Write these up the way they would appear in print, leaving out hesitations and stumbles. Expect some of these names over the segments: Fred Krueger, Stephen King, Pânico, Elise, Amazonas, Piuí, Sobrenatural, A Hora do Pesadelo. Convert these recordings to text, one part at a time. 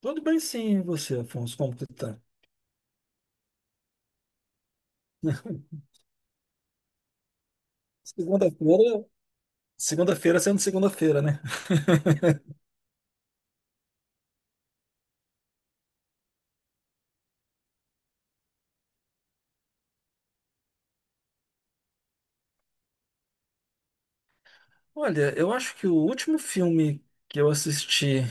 Tudo bem sim, e você, Afonso, como que tá? Segunda-feira, sendo segunda-feira, né? Olha, eu acho que o último filme que eu assisti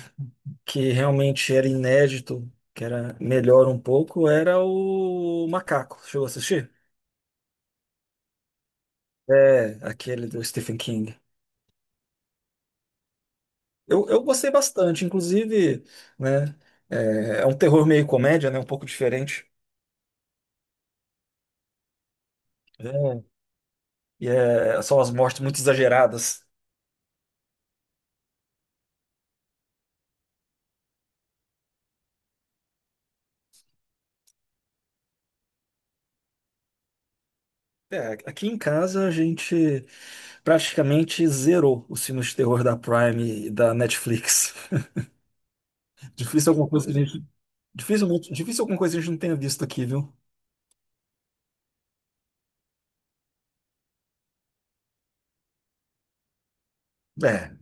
que realmente era inédito, que era melhor um pouco, era o Macaco. Chegou a assistir? É, aquele do Stephen King. Eu gostei bastante, inclusive, né? É um terror meio comédia, né? Um pouco diferente. É. E, são as mortes muito exageradas. É, aqui em casa a gente praticamente zerou os filmes de terror da Prime e da Netflix. Difícil alguma coisa que a gente. Dificilmente, difícil alguma coisa que a gente não tenha visto aqui, viu? É.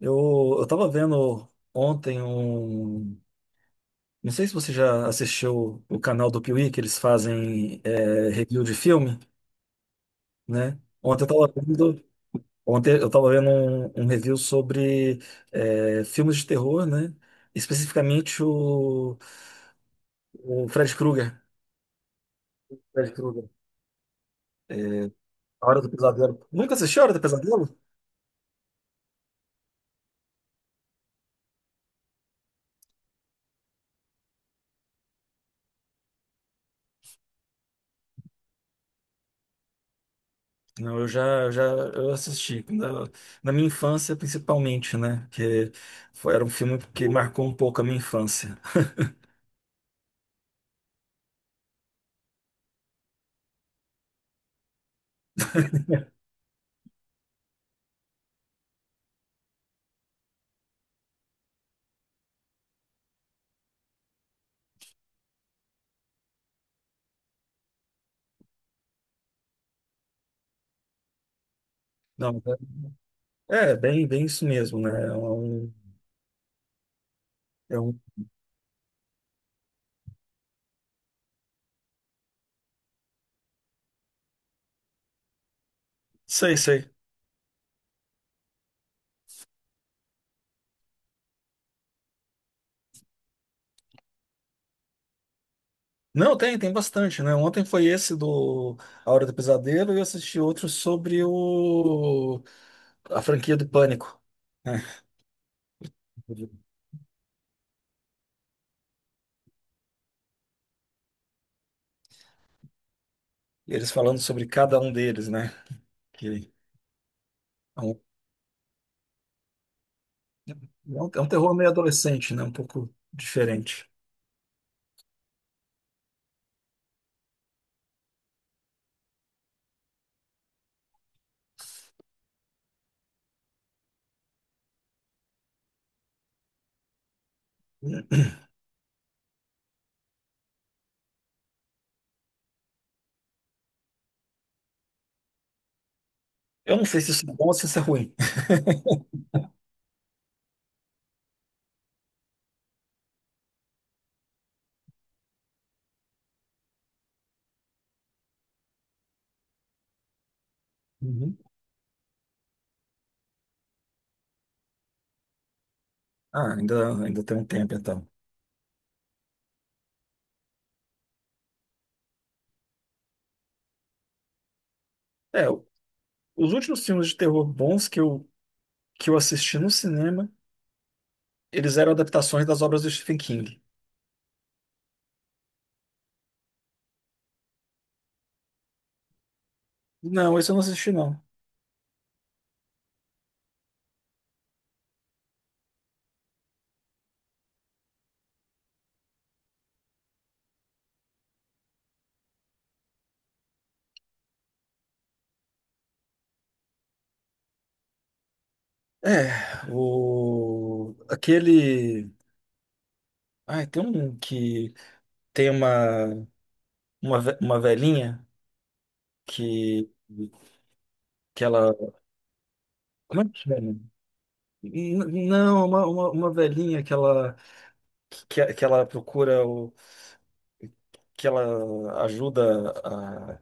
Eu tava vendo ontem um. Não sei se você já assistiu o canal do Piuí, que eles fazem review de filme, né? Ontem eu tava vendo, ontem eu tava vendo um review sobre filmes de terror, né? Especificamente o Fred Krueger. Fred Krueger. A Hora do Pesadelo. Nunca assisti a Hora do Pesadelo? Não, eu já eu assisti. Na minha infância, principalmente, né? Que foi, era um filme que marcou um pouco a minha infância. Não, é bem, bem isso mesmo, né? É um, sei, sei. Não, tem bastante, né? Ontem foi esse do A Hora do Pesadelo e eu assisti outro sobre a franquia do Pânico, né? Eles falando sobre cada um deles, né? Que é um É um, é um terror meio adolescente, né? Um pouco diferente. Eu não sei se isso é bom ou se isso é ruim. Uhum. Ah, ainda, ainda tem um tempo, então. É, os últimos filmes de terror bons que eu assisti no cinema, eles eram adaptações das obras do Stephen King. Não, esse eu não assisti, não. É, o... Aquele... Ai, tem um que tem uma velhinha que, que ela... Como é que é? Não, uma velhinha que ela... que ela procura o que ela ajuda a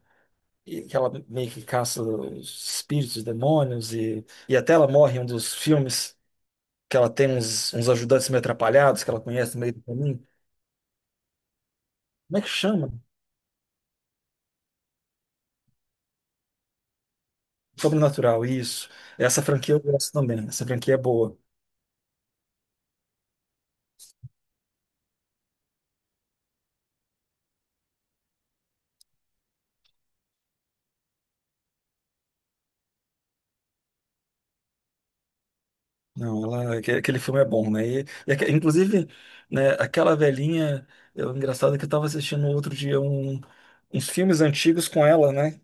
e que ela meio que caça os espíritos, os demônios e até ela morre em um dos filmes que ela tem uns ajudantes meio atrapalhados que ela conhece no meio do caminho. Como é que chama? Sobrenatural, isso. Essa franquia eu gosto também. Essa franquia é boa. Não, aquele filme é bom, né? Inclusive, né, aquela velhinha, eu, engraçado é que eu estava assistindo outro dia uns filmes antigos com ela, né?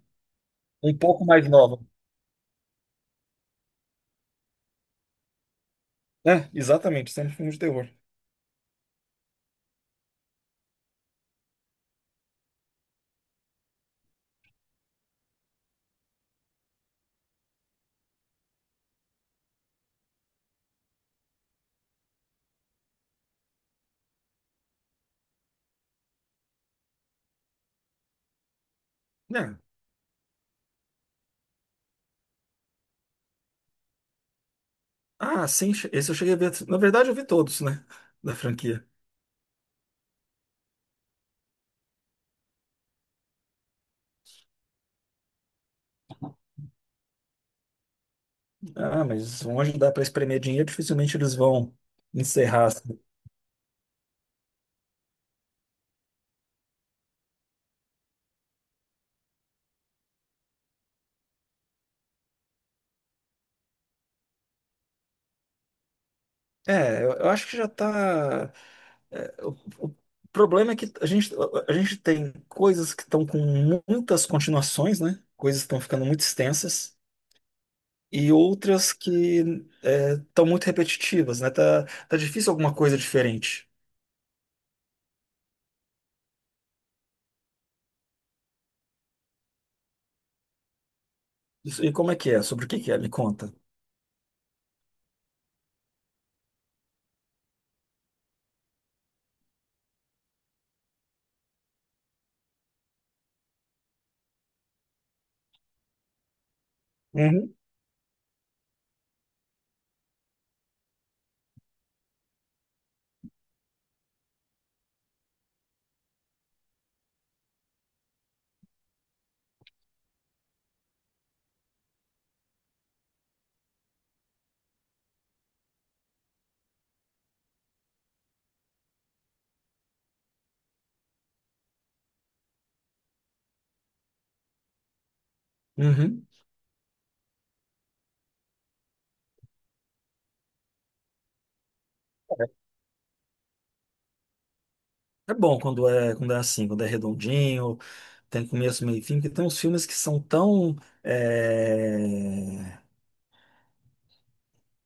Um pouco mais nova. É, exatamente, sempre filme de terror. É. Ah, sim, esse eu cheguei a ver. Na verdade, eu vi todos, né? Da franquia. Ah, mas onde dá pra espremer dinheiro, dificilmente eles vão encerrar, assim. É, eu acho que já tá. é, o, o problema é que a gente tem coisas que estão com muitas continuações, né? Coisas que estão ficando muito extensas. E outras que estão muito repetitivas, né? Tá difícil alguma coisa diferente. Isso. E como é que é? Sobre o que que é? Me conta. Uhum. É bom quando quando é assim, quando é redondinho, tem começo, meio e fim, porque tem uns filmes que são tão, é,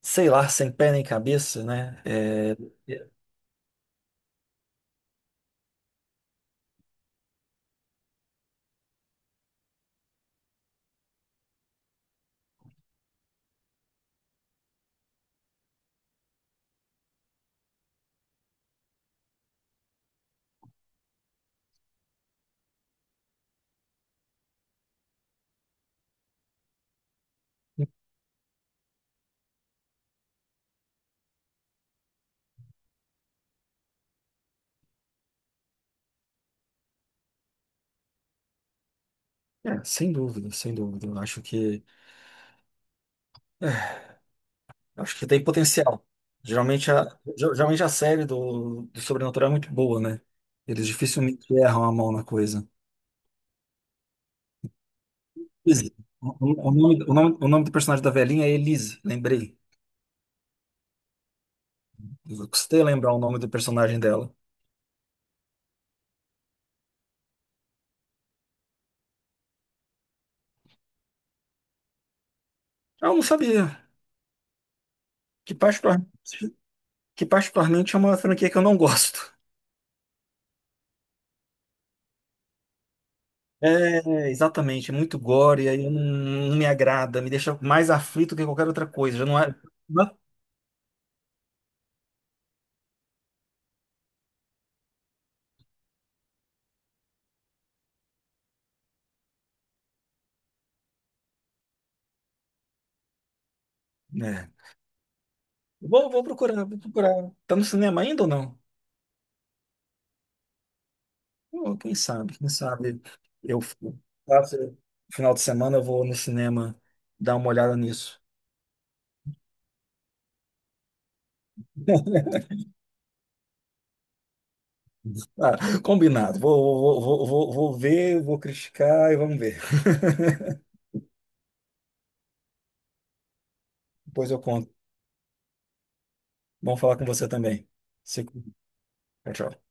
sei lá, sem pé nem cabeça, né? É, sem dúvida, sem dúvida. Acho que tem potencial. Geralmente a, geralmente a série do Sobrenatural é muito boa, né? Eles dificilmente erram a mão na coisa. Elise. O nome do personagem da velhinha é Elise, lembrei. Eu custei lembrar o nome do personagem dela. Ah, eu não sabia. Que particularmente, que particularmente é uma franquia que eu não gosto. É, exatamente, é muito gore, aí não, não me agrada, me deixa mais aflito que qualquer outra coisa. Já não é. não- é. Vou, vou procurar, vou procurar. Tá no cinema ainda ou não? Oh, quem sabe eu faço- final de semana eu vou no cinema dar uma olhada nisso. Ah, combinado. Vou ver, vou criticar e vamos ver. Depois eu conto. Vamos falar com você também. Se- Tchau, tchau.